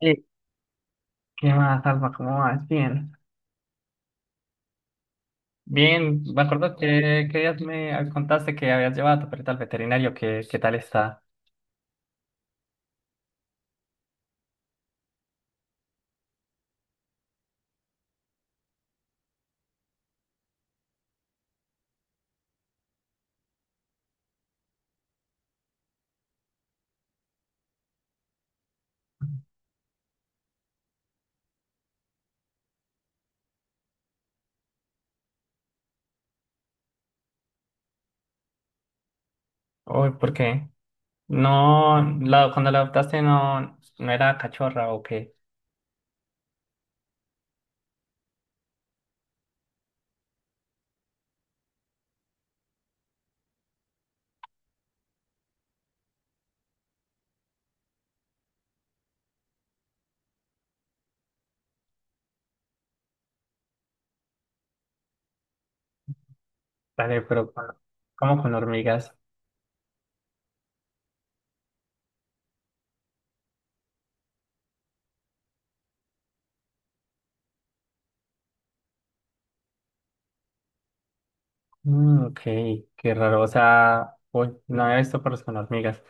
Eh, ¿Qué más, Alba? ¿Cómo vas? Bien. Bien, me acuerdo que días me contaste que habías llevado a tu perrita al veterinario. ¿Qué tal está? Uy, ¿por qué? No, la, cuando la adoptaste no, no era cachorra o qué. Dale, pero con- ¿cómo con hormigas? Mm, ok, qué raro. O sea, uy, no había visto perros con hormigas.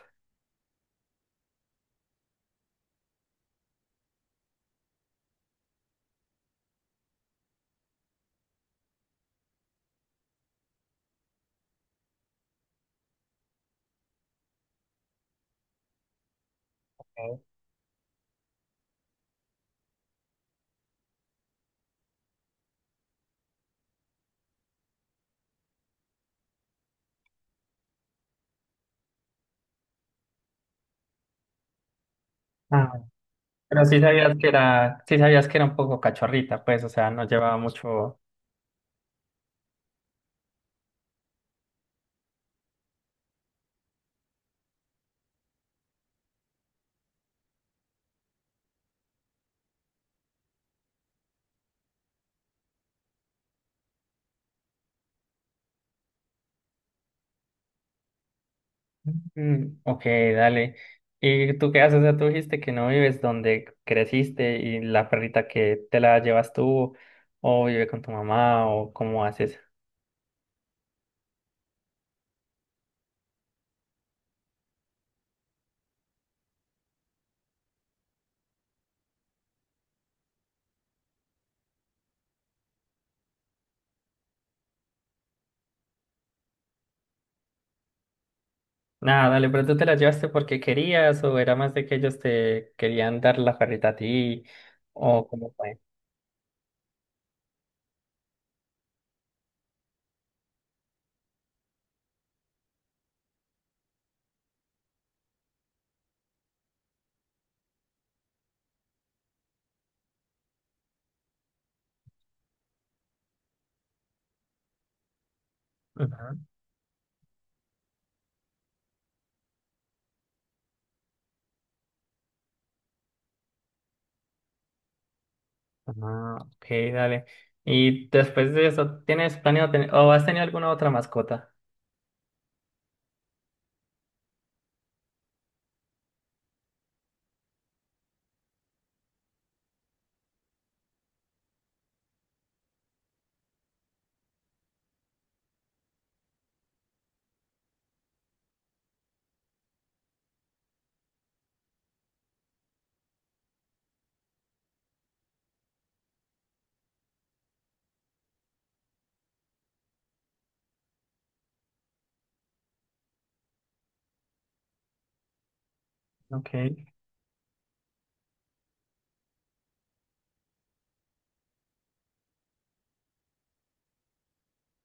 Ok. Ah, pero sí sabías que era, sí sabías que era un poco cachorrita, pues, o sea, no llevaba mucho. Mm, ok, dale. ¿Y tú qué haces? O sea, tú dijiste que no vives donde creciste y la perrita que te la llevas tú o vive con tu mamá o cómo haces. Nada, dale, pero tú te la llevaste porque querías o era más de que ellos te querían dar la perrita a ti o cómo fue. Ajá. Ah, ok, dale. ¿Y después de eso, tienes planeado tener o has tenido alguna otra mascota? Ok.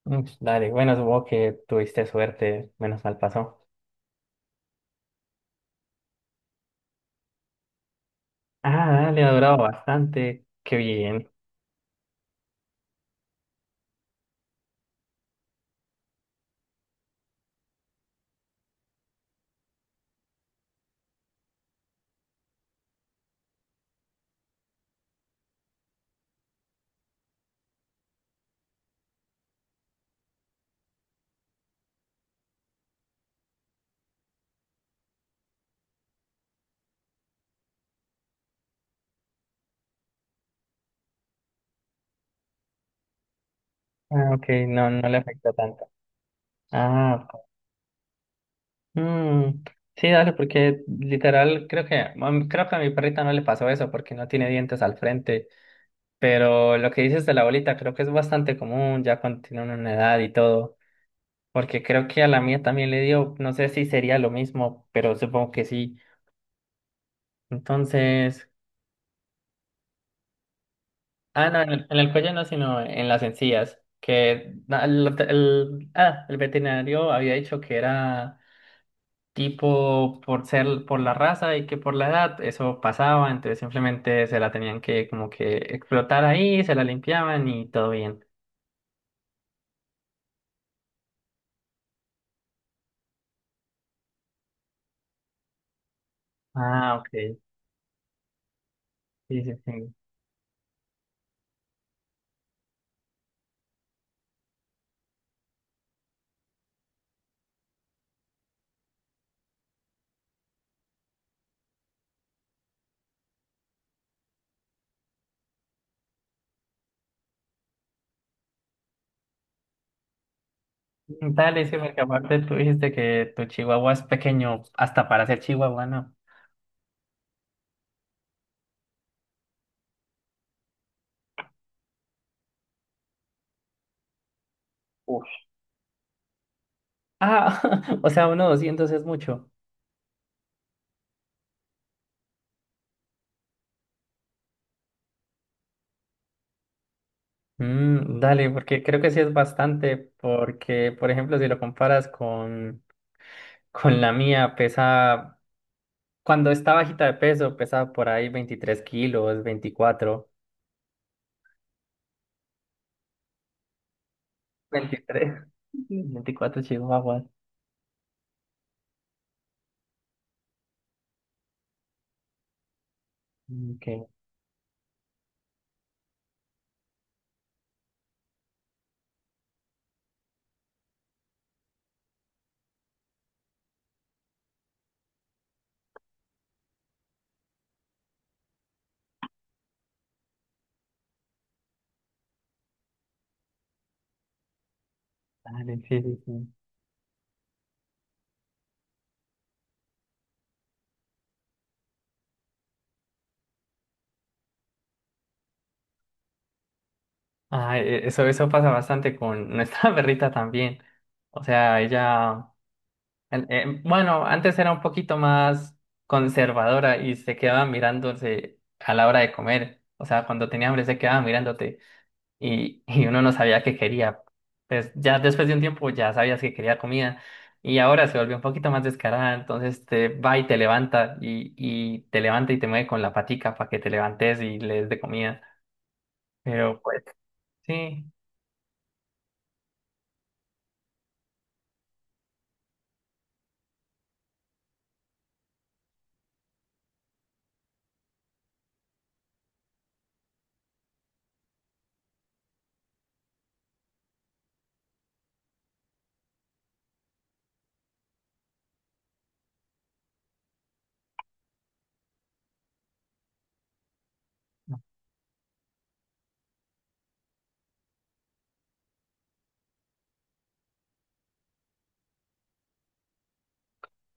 Mm, dale, bueno, supongo que tuviste suerte, menos mal pasó. Ah, dale, ha durado bastante. Qué bien. Ah, ok, no, no le afecta tanto. Ah, ok. Mm, sí, dale, porque literal creo que a mi perrita no le pasó eso porque no tiene dientes al frente. Pero lo que dices de la bolita creo que es bastante común ya cuando tienen una edad y todo. Porque creo que a la mía también le dio, no sé si sería lo mismo, pero supongo que sí. Entonces. Ah, no, en el cuello no, sino en las encías. Que na- el- ah, el veterinario había dicho que era tipo por ser por la raza y que por la edad eso pasaba, entonces simplemente se la tenían que como que explotar ahí, se la limpiaban y todo bien. Ah, ok. Sí, sí, sí. Dale, sí, porque aparte tú dijiste que tu chihuahua es pequeño hasta para ser chihuahua, ¿no? Uf. Ah, o sea, 1,200 es mucho. Mm, dale, porque creo que sí es bastante, porque, por ejemplo, si lo comparas con la mía, pesa, cuando está bajita de peso, pesa por ahí 23 kilos, 24 23 24 chihuahuas. Mm, ok, dale, sí, sí, sí. Ah, e- eso pasa bastante con nuestra perrita también. O sea, ella... bueno, antes era un poquito más conservadora y se quedaba mirándose a la hora de comer. O sea, cuando tenía hambre se quedaba mirándote y uno no sabía qué quería. Pues ya después de un tiempo ya sabías que quería comida y ahora se volvió un poquito más descarada. Entonces te va y te levanta y te levanta y te mueve con la patica para que te levantes y le des de comida. Pero pues sí,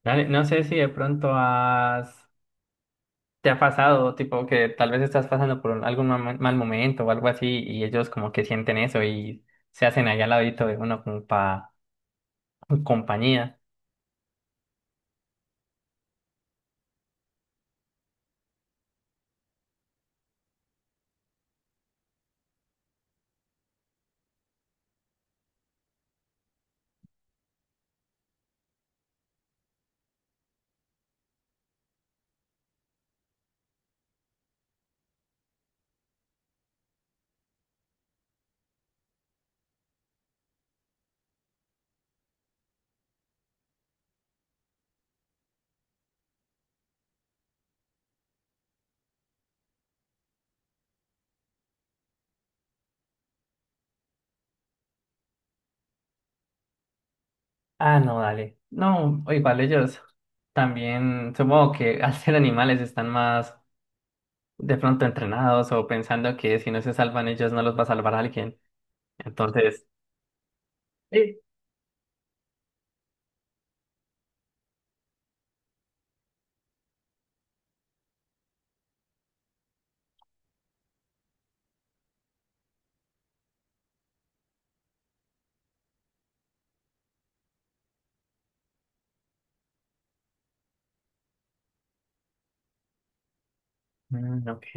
dale, no sé si de pronto has ¿Te ha pasado, tipo, que tal vez estás pasando por un- algún ma- mal momento o algo así y ellos como que sienten eso y se hacen allá al ladito de uno como para compañía? Ah, no, dale. No, o igual ellos también, supongo que al ser animales están más de pronto entrenados o pensando que si no se salvan ellos no los va a salvar alguien. Entonces, sí. Mm, ok.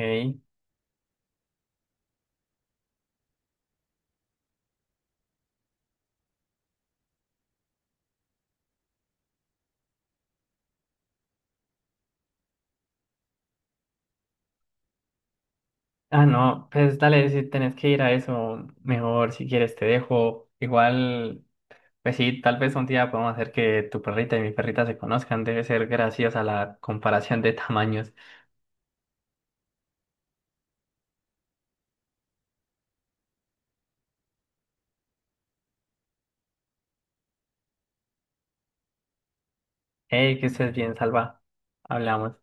Ah, no, pues dale, si tenés que ir a eso, mejor si quieres te dejo. Igual. Pues sí, tal vez un día podemos hacer que tu perrita y mi perrita se conozcan. Debe ser graciosa la comparación de tamaños. Hey, que estés bien, Salva. Hablamos.